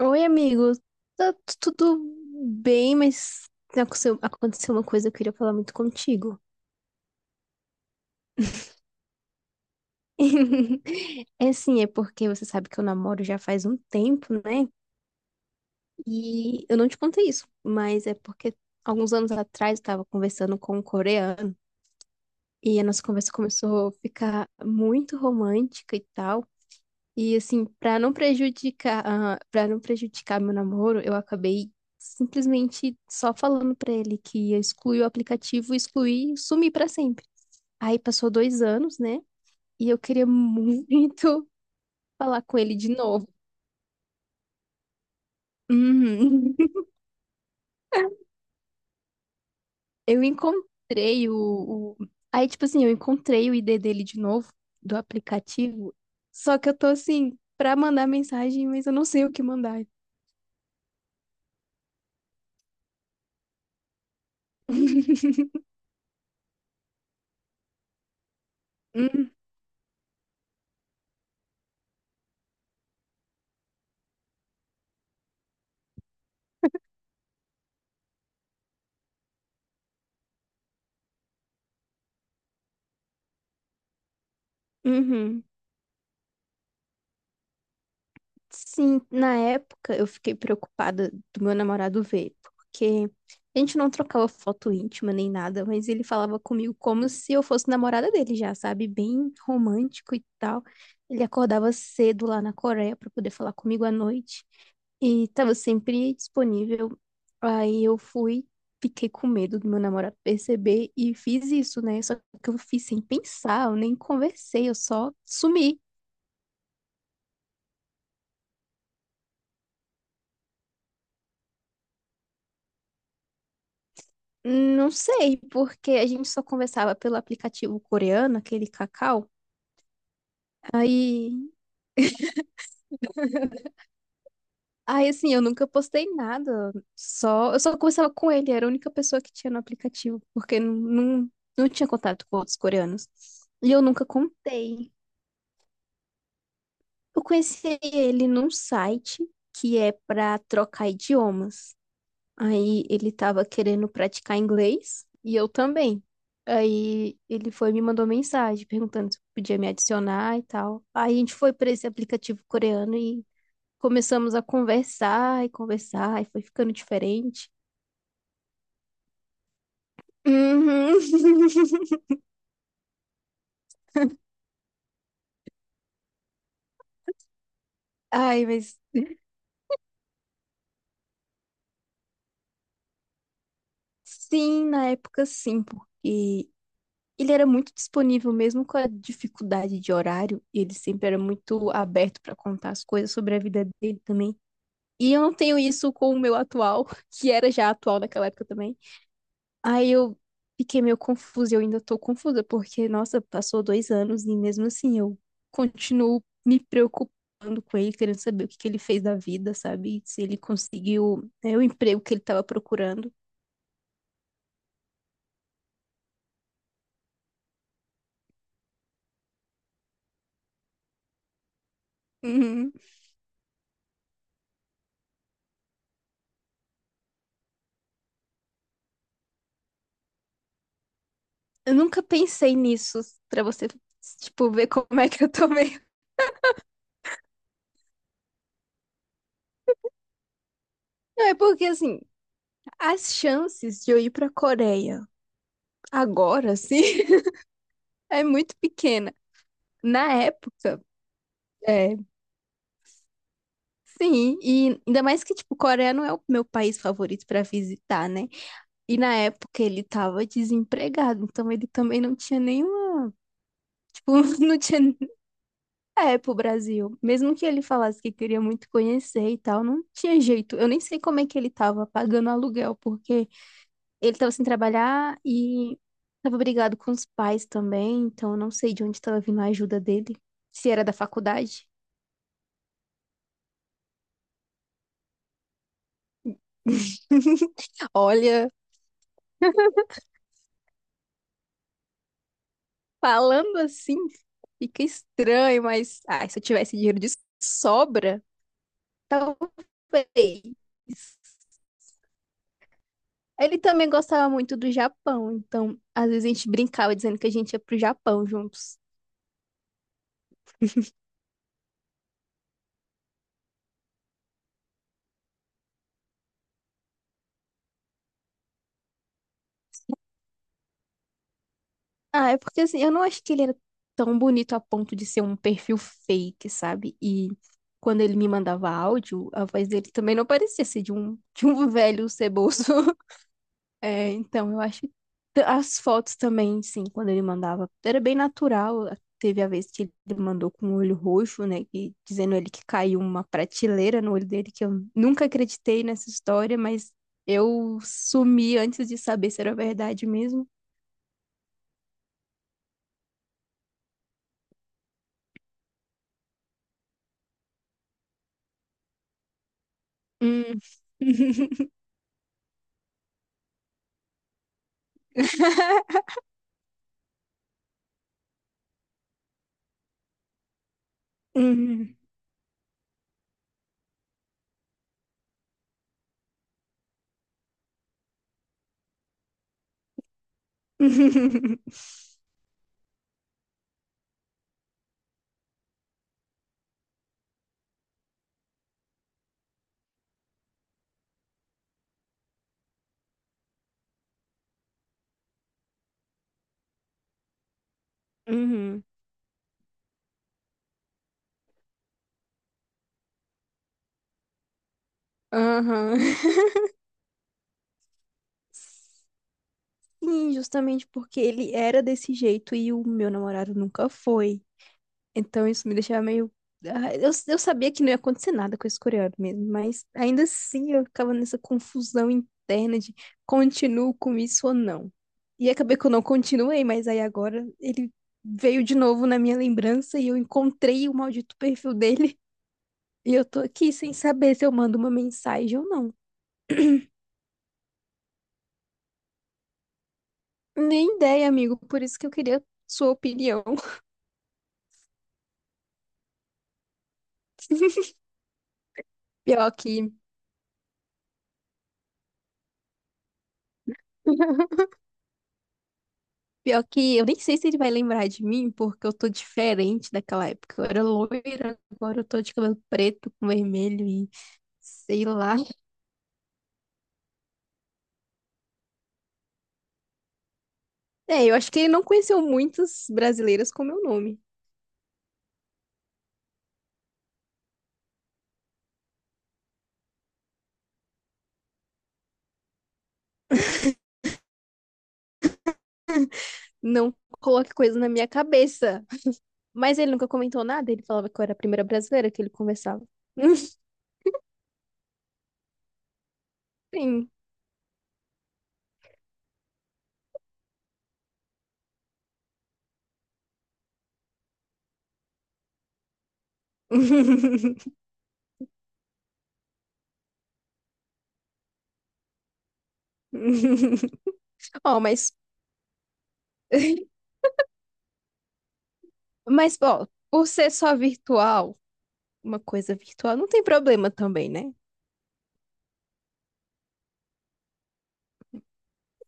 Oi, amigo. Tudo bem, mas aconteceu uma coisa que eu queria falar muito contigo. É assim, é porque você sabe que eu namoro já faz um tempo, né? E eu não te contei isso, mas é porque alguns anos atrás eu tava conversando com um coreano e a nossa conversa começou a ficar muito romântica e tal. E assim, pra não prejudicar, para não prejudicar meu namoro, eu acabei simplesmente só falando pra ele que ia excluir o aplicativo, excluir e sumir pra sempre. Aí passou 2 anos, né? E eu queria muito falar com ele de novo. Uhum. Eu encontrei o- Aí, tipo assim, eu encontrei o ID dele de novo, do aplicativo. Só que eu tô assim, pra mandar mensagem, mas eu não sei o que mandar. Uhum. Sim, na época eu fiquei preocupada do meu namorado ver, porque a gente não trocava foto íntima nem nada, mas ele falava comigo como se eu fosse namorada dele já, sabe? Bem romântico e tal. Ele acordava cedo lá na Coreia para poder falar comigo à noite e estava sempre disponível. Aí eu fui, Fiquei com medo do meu namorado perceber e fiz isso, né? Só que eu fiz sem pensar, eu nem conversei, eu só sumi. Não sei, porque a gente só conversava pelo aplicativo coreano, aquele Kakao. Aí, Aí assim, eu nunca postei nada. Eu só conversava com ele, era a única pessoa que tinha no aplicativo, porque não tinha contato com outros coreanos. E eu nunca contei. Eu conheci ele num site que é para trocar idiomas. Aí ele tava querendo praticar inglês e eu também. Aí ele foi e me mandou mensagem perguntando se podia me adicionar e tal. Aí a gente foi para esse aplicativo coreano e começamos a conversar e conversar e foi ficando diferente. Uhum. Ai, mas sim, na época sim, porque ele era muito disponível mesmo com a dificuldade de horário. Ele sempre era muito aberto para contar as coisas sobre a vida dele também. E eu não tenho isso com o meu atual, que era já atual naquela época também. Aí eu fiquei meio confusa, eu ainda tô confusa, porque, nossa, passou 2 anos e mesmo assim eu continuo me preocupando com ele, querendo saber o que que ele fez da vida, sabe? Se ele conseguiu, né, o emprego que ele tava procurando. Uhum. Eu nunca pensei nisso, pra você, tipo, ver como é que eu tô meio. Não, é porque, assim, as chances de eu ir pra Coreia agora, assim, é muito pequena. Na época, é, sim, e ainda mais que, tipo, Coreia não é o meu país favorito pra visitar, né? E na época ele tava desempregado, então ele também não tinha nenhuma, tipo, não tinha, é, pro Brasil. Mesmo que ele falasse que queria muito conhecer e tal, não tinha jeito. Eu nem sei como é que ele tava pagando aluguel, porque ele tava sem trabalhar e tava brigado com os pais também, então eu não sei de onde tava vindo a ajuda dele, se era da faculdade. Olha, falando assim, fica estranho, mas ai, se eu tivesse dinheiro de sobra, talvez. Ele também gostava muito do Japão, então às vezes a gente brincava dizendo que a gente ia pro Japão juntos. Ah, é porque assim, eu não acho que ele era tão bonito a ponto de ser um perfil fake, sabe? E quando ele me mandava áudio, a voz dele também não parecia ser de de um velho ceboso. É, então, eu acho que as fotos também, sim, quando ele mandava, era bem natural. Teve a vez que ele mandou com o olho roxo, né? Que, dizendo ele que caiu uma prateleira no olho dele, que eu nunca acreditei nessa história, mas eu sumi antes de saber se era verdade mesmo. Hum. Uhum. Uhum. Aham. Sim, justamente porque ele era desse jeito e o meu namorado nunca foi. Então isso me deixava meio. Ah, eu sabia que não ia acontecer nada com esse coreano mesmo, mas ainda assim eu ficava nessa confusão interna de continuo com isso ou não. E acabei que eu não continuei, mas aí agora ele veio de novo na minha lembrança e eu encontrei o maldito perfil dele. E eu tô aqui sem saber se eu mando uma mensagem ou não. Nem ideia, amigo, por isso que eu queria sua opinião. Pior que. Pior que eu nem sei se ele vai lembrar de mim, porque eu tô diferente daquela época. Eu era loira, agora eu tô de cabelo preto com vermelho e sei lá. É, eu acho que ele não conheceu muitas brasileiras com meu nome. Não coloque coisa na minha cabeça. Mas ele nunca comentou nada, ele falava que eu era a primeira brasileira que ele conversava. Sim. Ó, mas. Mas, ó, por ser só virtual, uma coisa virtual, não tem problema também, né?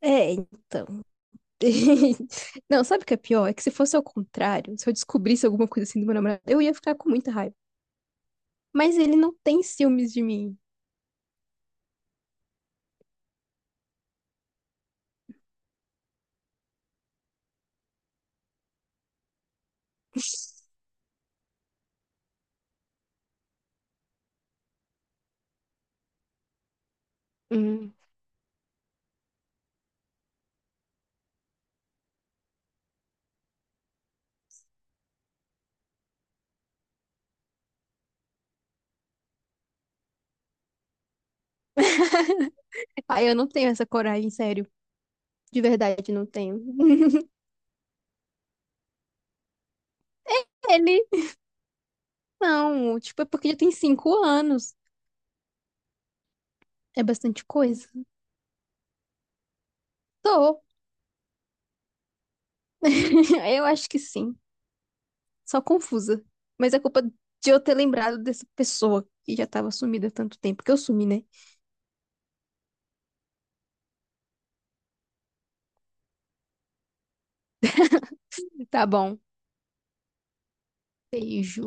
É, então. Não, sabe o que é pior? É que se fosse ao contrário, se eu descobrisse alguma coisa assim do meu namorado, eu ia ficar com muita raiva. Mas ele não tem ciúmes de mim. Hum. Ai, eu não tenho essa coragem, sério. De verdade, não tenho. Ele, não. Tipo, é porque já tem 5 anos. É bastante coisa. Tô. Eu acho que sim. Só confusa. Mas é culpa de eu ter lembrado dessa pessoa que já tava sumida há tanto tempo. Que eu sumi, né? Tá bom. Beijo.